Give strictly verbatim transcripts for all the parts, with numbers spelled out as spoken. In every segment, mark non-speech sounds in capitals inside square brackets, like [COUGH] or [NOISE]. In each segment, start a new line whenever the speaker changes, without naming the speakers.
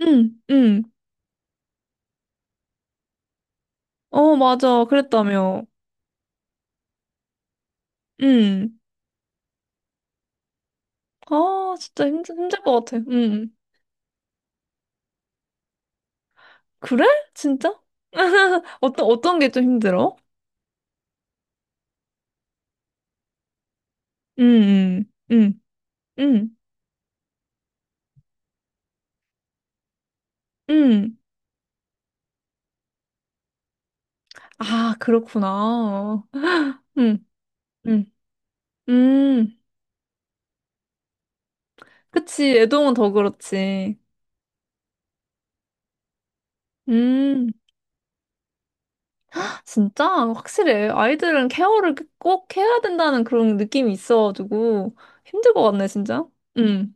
응, 응. 어, 맞아. 그랬다며. 응. 아, 진짜 힘들, 힘들 것 같아. 응. 그래? 진짜? [LAUGHS] 어떤, 어떤 게 좀 힘들어? 응, 응, 응, 응. 응. 아, 그렇구나. 응, 응, 응. 그치. 애동은 더 그렇지. 음, 진짜? 확실해. 아이들은 케어를 꼭 해야 된다는 그런 느낌이 있어가지고. 힘들 것 같네, 진짜. 응.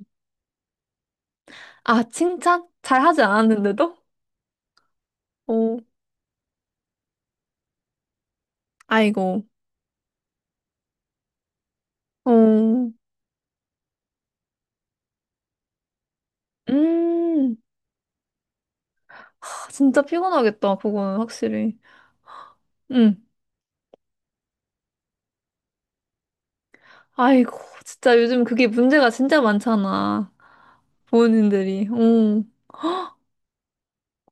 아, 칭찬? 잘 하지 않았는데도? 어. 아이고. 어. 음. 아, 진짜 피곤하겠다. 그거는 확실히. 음. 아이고. 진짜 요즘 그게 문제가 진짜 많잖아. 부모님들이. 어.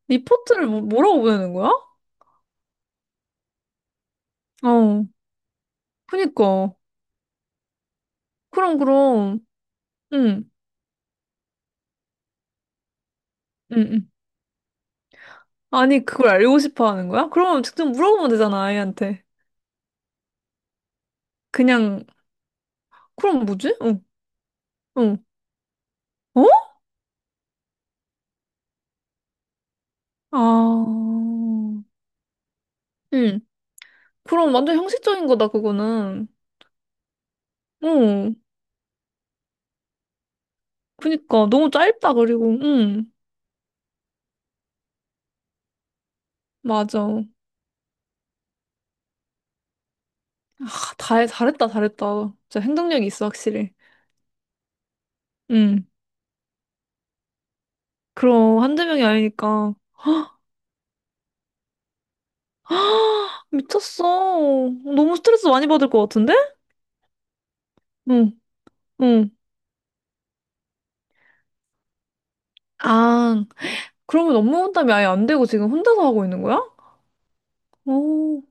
리포트를 뭐, 뭐라고 보내는 거야? 어. 그니까. 그럼 그럼. 응 응응. 아니 그걸 알고 싶어 하는 거야? 그러면 직접 물어보면 되잖아 아이한테. 그냥. 그럼 뭐지? 응. 응. 어? 아. 응. 그럼 완전 형식적인 거다 그거는. 응. 그니까 너무 짧다. 그리고 응. 맞아. 아, 다 잘했다 잘했다. 진짜 행동력이 있어 확실히. 응. 그럼 한두 명이 아니니까. [GASPS] 아 미쳤어. 너무 스트레스 많이 받을 것 같은데. 응응아. 그러면 업무 분담이 아예 안 되고 지금 혼자서 하고 있는 거야? 오.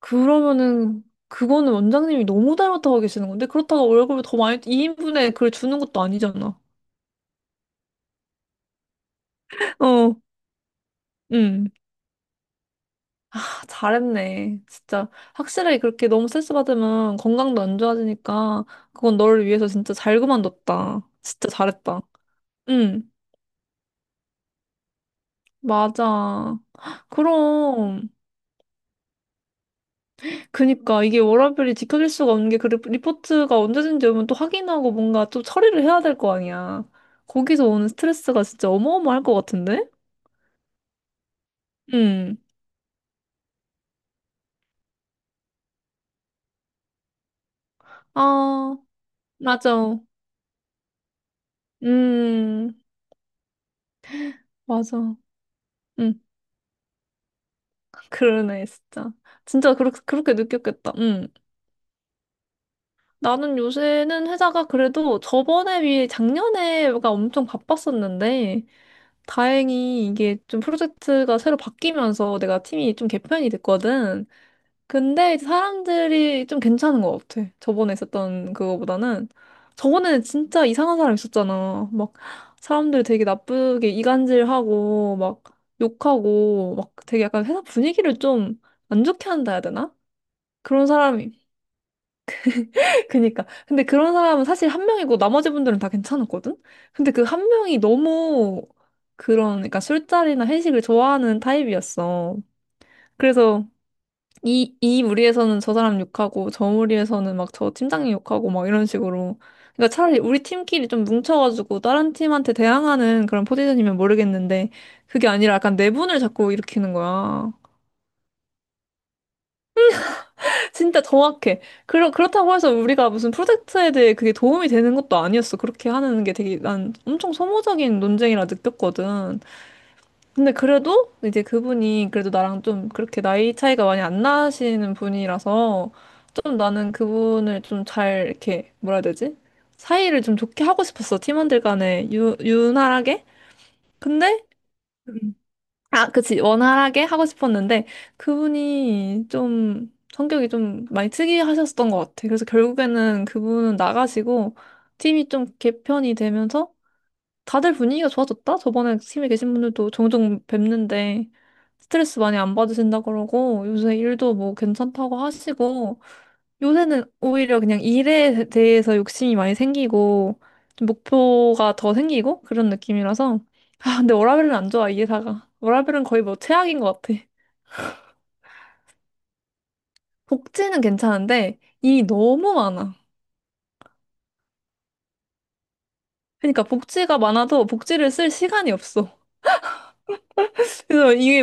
그러면은 그거는 원장님이 너무 닮았다고 하고 계시는 건데, 그렇다고 월급을 더 많이 이인분에 그걸 주는 것도 아니잖아. [LAUGHS] 어응. 아, 잘했네. 진짜 확실히 그렇게 너무 스트레스 받으면 건강도 안 좋아지니까. 그건 너를 위해서 진짜 잘 그만뒀다. 진짜 잘했다. 응, 맞아. 그럼. 그니까 이게 워라밸이 지켜질 수가 없는 게, 그 리포트가 언제든지 오면 또 확인하고 뭔가 또 처리를 해야 될 거 아니야. 거기서 오는 스트레스가 진짜 어마어마할 것 같은데? 응. 아, 맞아. 음, 맞아. 응, 그러네, 진짜. 진짜 그렇게, 그렇게 느꼈겠다. 응. 나는 요새는 회사가 그래도 저번에 비해 작년에가 엄청 바빴었는데, 다행히 이게 좀 프로젝트가 새로 바뀌면서 내가 팀이 좀 개편이 됐거든. 근데 이제 사람들이 좀 괜찮은 것 같아. 저번에 있었던 그거보다는. 저번에는 진짜 이상한 사람 있었잖아. 막 사람들 되게 나쁘게 이간질하고, 막 욕하고, 막 되게 약간 회사 분위기를 좀 안 좋게 한다 해야 되나? 그런 사람이. 그니까. 근데 그런 사람은 사실 한 명이고 나머지 분들은 다 괜찮았거든? 근데 그 한 명이 너무 그런, 그러니까 술자리나 회식을 좋아하는 타입이었어. 그래서 이, 이 무리에서는 저 사람 욕하고, 저 무리에서는 막 저 팀장님 욕하고, 막 이런 식으로. 그러니까 차라리 우리 팀끼리 좀 뭉쳐가지고 다른 팀한테 대항하는 그런 포지션이면 모르겠는데, 그게 아니라 약간 내분을 자꾸 일으키는 거야. 진짜 정확해. 그렇, 그렇다고 해서 우리가 무슨 프로젝트에 대해 그게 도움이 되는 것도 아니었어. 그렇게 하는 게 되게 난 엄청 소모적인 논쟁이라 느꼈거든. 근데 그래도 이제 그분이 그래도 나랑 좀 그렇게 나이 차이가 많이 안 나시는 분이라서, 좀 나는 그분을 좀 잘 이렇게 뭐라 해야 되지? 사이를 좀 좋게 하고 싶었어. 팀원들 간에 유, 유난하게. 근데 음. 아, 그치. 원활하게 하고 싶었는데, 그분이 좀 성격이 좀 많이 특이하셨던 것 같아. 그래서 결국에는 그분은 나가시고, 팀이 좀 개편이 되면서, 다들 분위기가 좋아졌다? 저번에 팀에 계신 분들도 종종 뵙는데, 스트레스 많이 안 받으신다 그러고, 요새 일도 뭐 괜찮다고 하시고, 요새는 오히려 그냥 일에 대해서 욕심이 많이 생기고, 좀 목표가 더 생기고, 그런 느낌이라서. 아, 근데 워라밸은 안 좋아, 이 회사가. 워라밸은 거의 뭐 최악인 것 같아. 복지는 괜찮은데, 일이 너무 많아. 그러니까 복지가 많아도 복지를 쓸 시간이 없어. [LAUGHS] 그래서 이게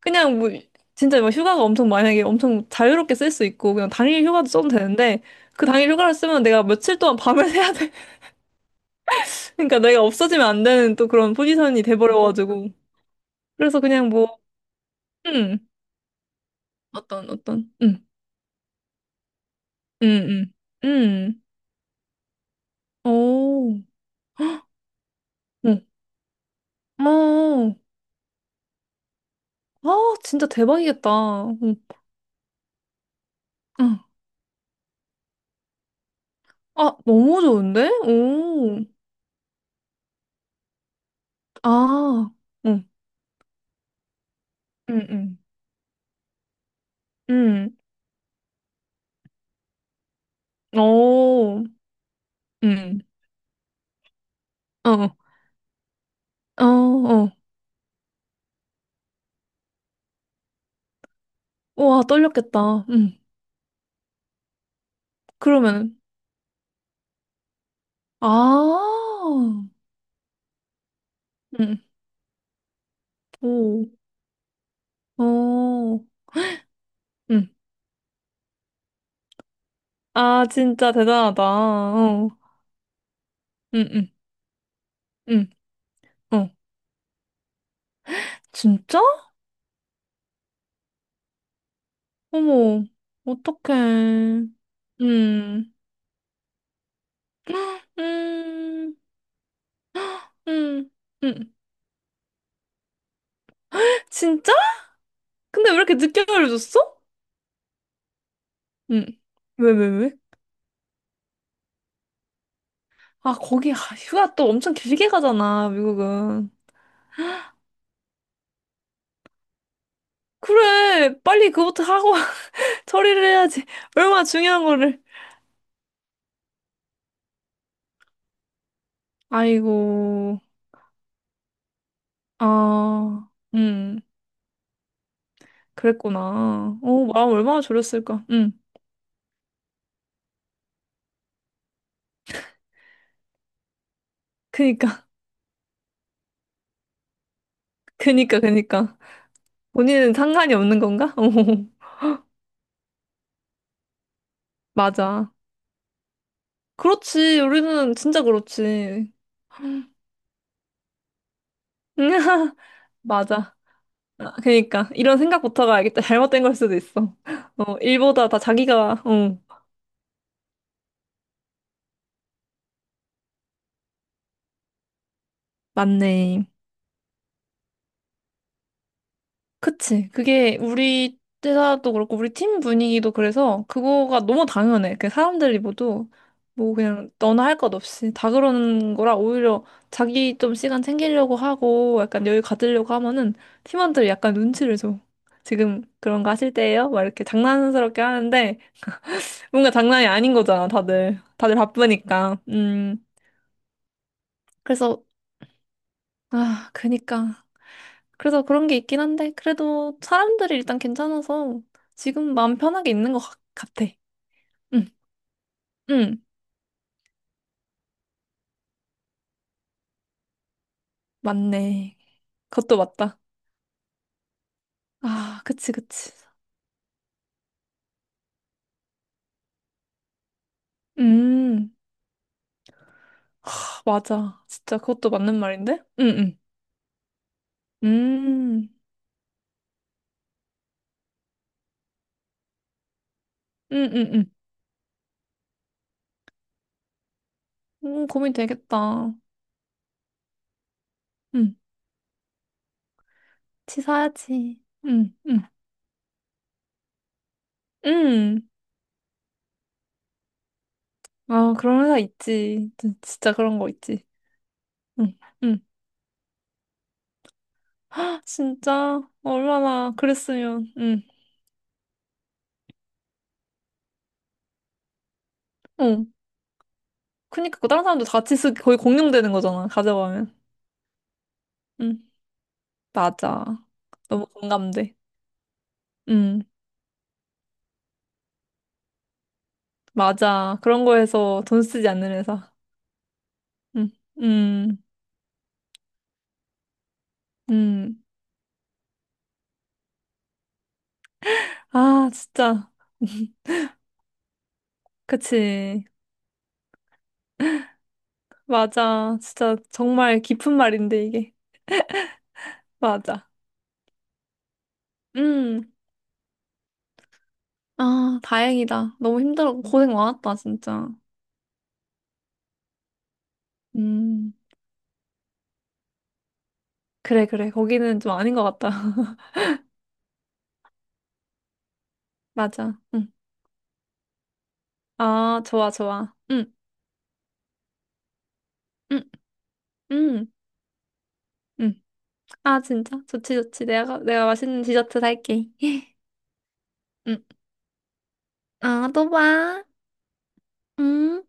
그냥 뭐, 진짜 뭐 휴가가 엄청 만약에 엄청 자유롭게 쓸 수 있고, 그냥 당일 휴가도 써도 되는데, 그 당일 휴가를 쓰면 내가 며칠 동안 밤을 [LAUGHS] 새야 돼. 그러니까 내가 없어지면 안 되는 또 그런 포지션이 돼버려가지고. 그래서 그냥 뭐, 음, 어떤, 어떤, 음, 음, 음, 음, 오, 음, 어, 아, 진짜 대박이겠다. 응 응. 아, 너무 좋은데? 오, 아, 응 응 응 응, 오, 응 어, 어, 어, 와, 떨렸겠다. 응. 그러면은, 아, 응. 오, 어, 응. 아, 진짜 대단하다. 어, 응 응 응, 어. 진짜? 어머, 어떡해. 음, 음, 음, 음. 진짜? 근데 왜 이렇게 늦게 알려줬어? 음. 왜, 왜, 왜? 아, 거기, 아, 휴가 또 엄청 길게 가잖아, 미국은. 그래, 빨리 그것도 하고 [LAUGHS] 처리를 해야지. 얼마나 중요한 거를. 아이고, 아, 음, 그랬구나. 어, 마음 얼마나 졸였을까. 음, 그니까, [LAUGHS] 그니까, 그니까. 본인은 상관이 없는 건가? [LAUGHS] 어, 맞아. 그렇지. 우리는 진짜 그렇지. [LAUGHS] 맞아. 아, 그러니까 이런 생각부터가 알겠다. 잘못된 걸 수도 있어. 어, 일보다 다 자기가 어, 맞네. 그치. 그게 우리 회사도 그렇고 우리 팀 분위기도 그래서 그거가 너무 당연해. 그 사람들이 모두 뭐 그냥 너나 할 것 없이 다 그러는 거라, 오히려 자기 좀 시간 챙기려고 하고 약간 여유 가지려고 하면은 팀원들이 약간 눈치를 줘. 지금 그런 거 하실 때예요? 막 이렇게 장난스럽게 하는데, 뭔가 장난이 아닌 거잖아, 다들. 다들 바쁘니까. 음, 그래서, 아, 그니까. 그래서 그런 게 있긴 한데, 그래도 사람들이 일단 괜찮아서 지금 마음 편하게 있는 것 같- 같아. 응, 응, 맞네. 그것도 맞다. 아, 그치, 그치. 음, 하, 맞아. 진짜 그것도 맞는 말인데? 응, 응. 음, 응, 응, 응. 음, 고민 되겠다. 응, 치사하지. 응, 응, 응. 아, 그런 회사 있지. 진- 진짜 그런 거 있지. 응, 응. 헉, 진짜 얼마나 그랬으면. 응, 응. 그니까 그 다른 사람도 같이 쓰 거의 공용되는 거잖아. 가져가면. 응, 맞아. 너무 공감돼. 응, 맞아. 그런 거에서 돈 쓰지 않는 회사. 응, 응, 응. 아, 진짜. 그치. 맞아. 진짜 정말 깊은 말인데 이게. 맞아. 음, 아, 다행이다. 너무 힘들었고 고생 많았다, 진짜. 음. 그래, 그래. 거기는 좀 아닌 것 같다. [LAUGHS] 맞아. 응. 아, 좋아, 좋아. 응, 응, 응, 응. 아, 진짜? 좋지, 좋지. 내가, 내가 맛있는 디저트 살게. [LAUGHS] 응. 아, 또 봐. 응.